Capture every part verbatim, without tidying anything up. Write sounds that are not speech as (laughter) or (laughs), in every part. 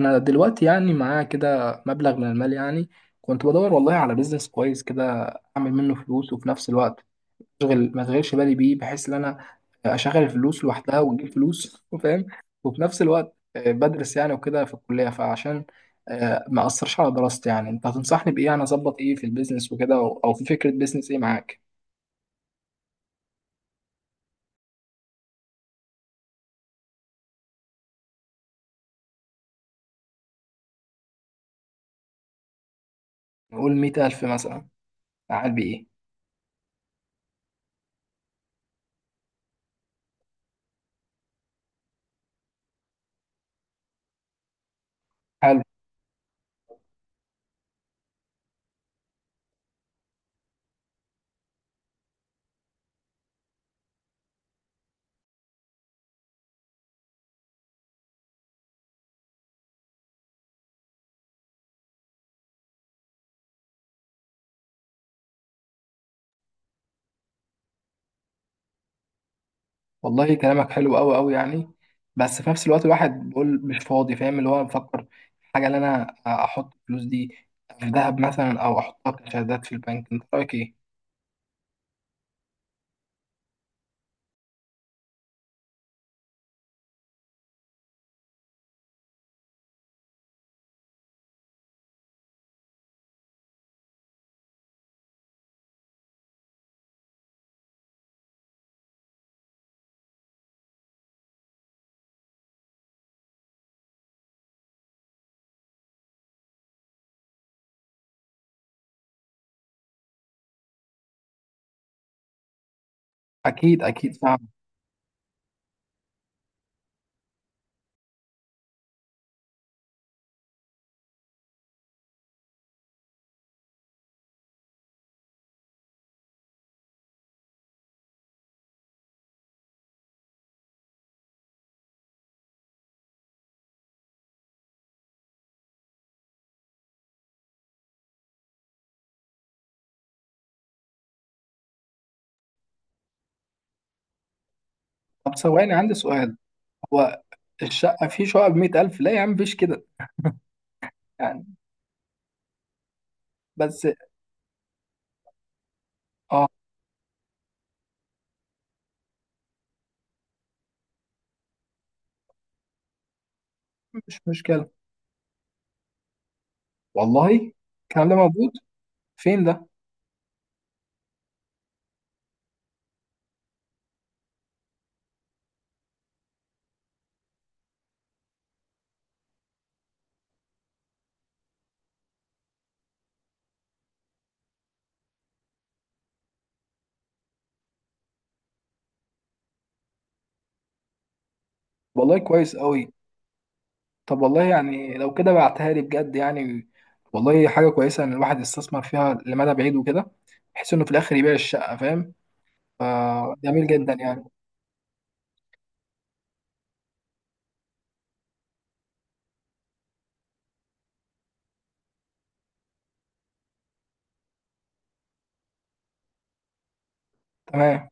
انا دلوقتي يعني معايا كده مبلغ من المال، يعني كنت بدور والله على بيزنس كويس كده، اعمل منه فلوس وفي نفس الوقت اشغل ما اشغلش بالي بيه، بحيث ان انا اشغل الفلوس لوحدها وتجيب فلوس. (laughs) فاهم؟ وفي نفس الوقت آه، بدرس يعني وكده في الكلية، فعشان آه، ما اثرش على دراستي. يعني انت هتنصحني بايه؟ انا اظبط ايه في البيزنس وكده، او أو في فكرة بيزنس ايه معاك؟ نقول مية ألف مثلا، اعمل بيه ايه؟ والله كلامك حلو قوي قوي يعني، بس في نفس الوقت الواحد بيقول مش فاضي. فاهم؟ اللي هو بفكر في حاجه، اللي انا احط الفلوس دي في ذهب مثلا، او احطها كشهادات في البنك. انت رايك ايه؟ اكيد اكيد صعب. طب ثواني، عندي سؤال. هو الشقه، في شقه ب مية ألف؟ لا يا عم، مفيش كده يعني. بس اه، مش مشكله. والله الكلام ده موجود فين ده؟ والله كويس قوي. طب والله يعني لو كده بعتها لي بجد يعني، والله حاجة كويسة إن الواحد يستثمر فيها لمدى بعيد وكده، بحيث إنه في الآخر يبيع الشقة. فاهم؟ فجميل جدا يعني. تمام.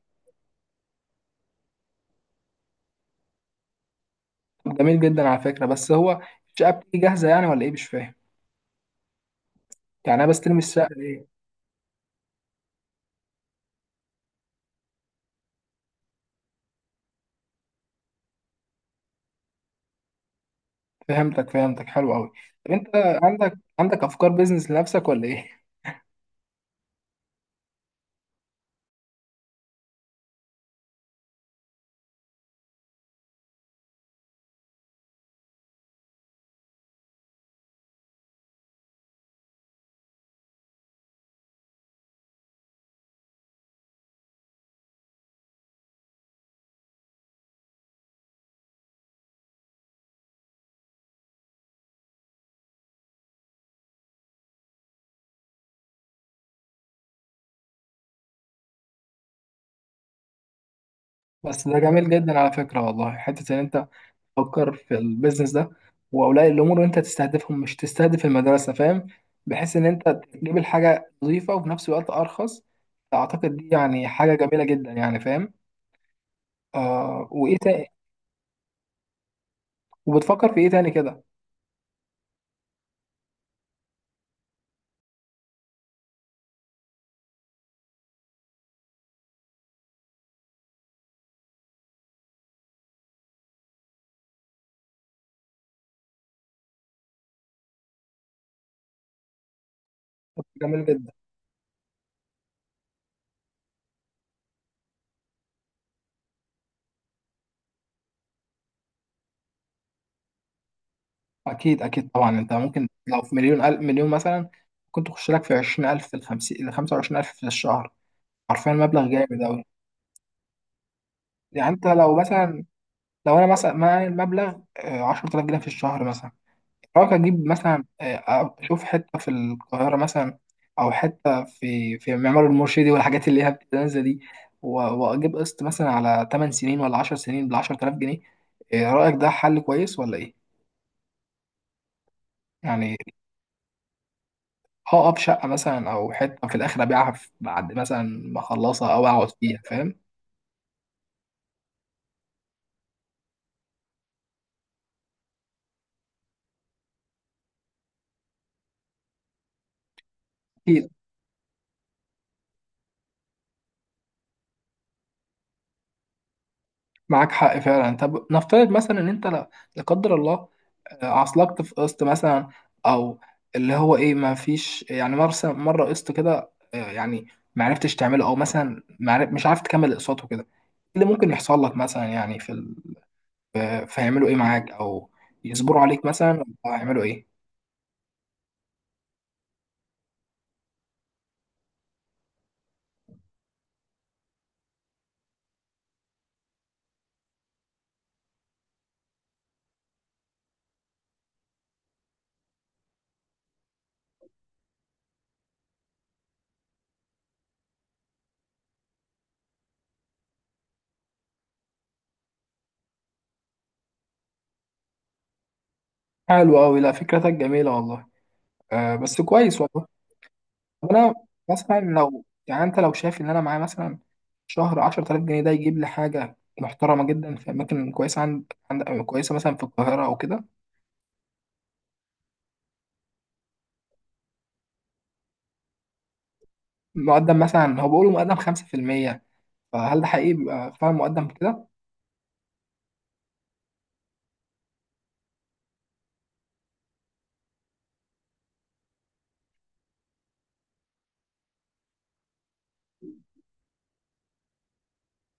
طب جميل جدا على فكرة. بس هو الشقة بتيجي جاهزة يعني ولا إيه؟ مش فاهم يعني. أنا بستلم الشقة ليه؟ فهمتك فهمتك، حلو أوي. طب أنت عندك عندك أفكار بيزنس لنفسك ولا إيه؟ بس ده جميل جدا على فكرة والله، حتة إن أنت تفكر في البيزنس ده. واولياء الامور اللي انت تستهدفهم، مش تستهدف المدرسه. فاهم؟ بحيث ان انت تجيب الحاجه نظيفه وفي نفس الوقت ارخص. اعتقد دي يعني حاجه جميله جدا يعني. فاهم؟ آه، وايه تاني؟ وبتفكر في ايه تاني كده؟ جميل جدا. اكيد اكيد طبعا. انت ممكن لو في مليون ألف مليون مثلا، كنت تخش لك في عشرين ألف في الخمسين، ل خمسة وعشرين ألف في الشهر. حرفيا مبلغ جامد أوي. يعني انت لو مثلا لو انا مثلا معايا المبلغ آه، عشر تلاف جنيه في الشهر مثلا، حاول أجيب مثلا آه، أشوف حتة في القاهرة مثلا، أو حتة في في معمار المرشدي والحاجات اللي هي بتنزل دي، و- وأجيب قسط مثلا على ثمان سنين ولا عشر سنين ب عشر تلاف جنيه. إيه رأيك؟ ده حل كويس ولا إيه؟ يعني هقف شقة مثلا، أو حتة في الآخر أبيعها في- بعد مثلا ما أخلصها، أو أقعد فيها. فاهم؟ أكيد. معاك حق فعلا. طب نفترض مثلا إن أنت، لا لا قدر الله، عصلجت في قسط مثلا، او اللي هو ايه، ما فيش يعني مرة مره قسط كده، آه، يعني ما عرفتش تعمله، او مثلا ما عرف- مش عارف تكمل اقساطه كده. إيه اللي ممكن يحصل لك مثلا يعني في ال... آه، فيعملوا ايه معاك، او يصبروا عليك مثلا، ولا هيعملوا ايه؟ حلو قوي، لا فكرتك جميله والله. آه، بس كويس والله. طب انا مثلا، لو يعني انت لو شايف ان انا معايا مثلا شهر عشر تلاف جنيه، ده يجيب لي حاجه محترمه جدا في اماكن كويسه، عند عند كويسه مثلا في القاهره او كده. مقدم مثلا، هو بيقولوا مقدم خمسة في المية، فهل ده حقيقي بيبقى فعلا مقدم كده؟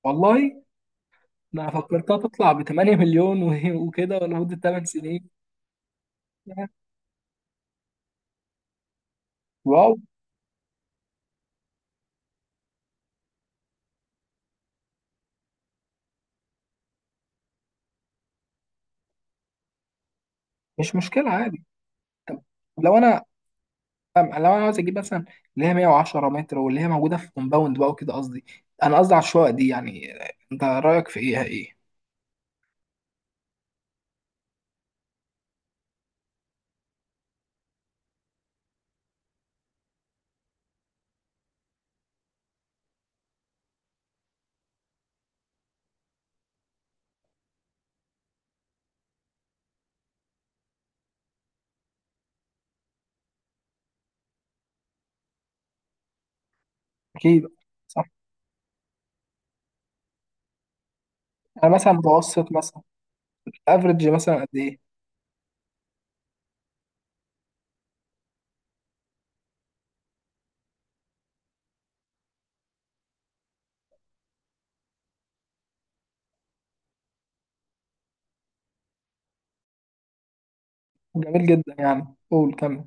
والله انا فكرتها تطلع ب تمن مليون و- (laughs) وكده لمده تمن سنين. واو. مش مشكله، عادي. طب لو انا أم- لو انا عاوز اجيب مثلا اللي هي مئة وعشرة متر، واللي هي موجوده في كومباوند بقى وكده. قصدي، انا قصدي على الشقق دي يعني. انت رايك في ايه ايه؟ اكيد. صح. انا مثلا متوسط مثلا افريج مثلا قد ايه؟ جميل جدا يعني، قول كمل.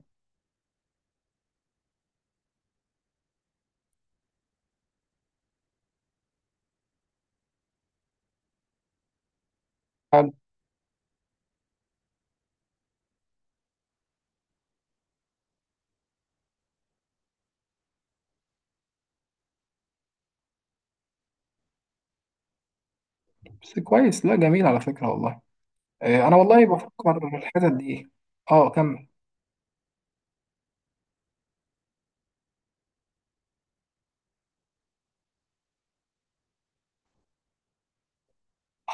حلو. بس كويس، لا جميل على فكره والله. آه، انا والله بفكر في الحتت دي. اه، كمل.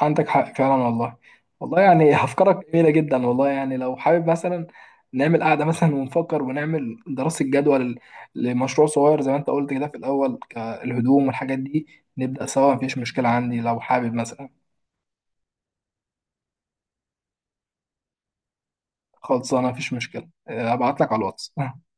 عندك حق فعلا والله. والله يعني (laughs) افكارك جميله جدا والله، يعني لو حابب مثلا نعمل قعده مثلا ونفكر، ونعمل دراسه جدوى ل- لمشروع صغير، زي ما انت قلت كده في الاول، ك- الهدوم والحاجات دي، نبدا سوا. مفيش مشكله عندي لو حابب مثلا. خلصانه، مفيش مشكله. آه، ابعت لك على الواتس. (laughs)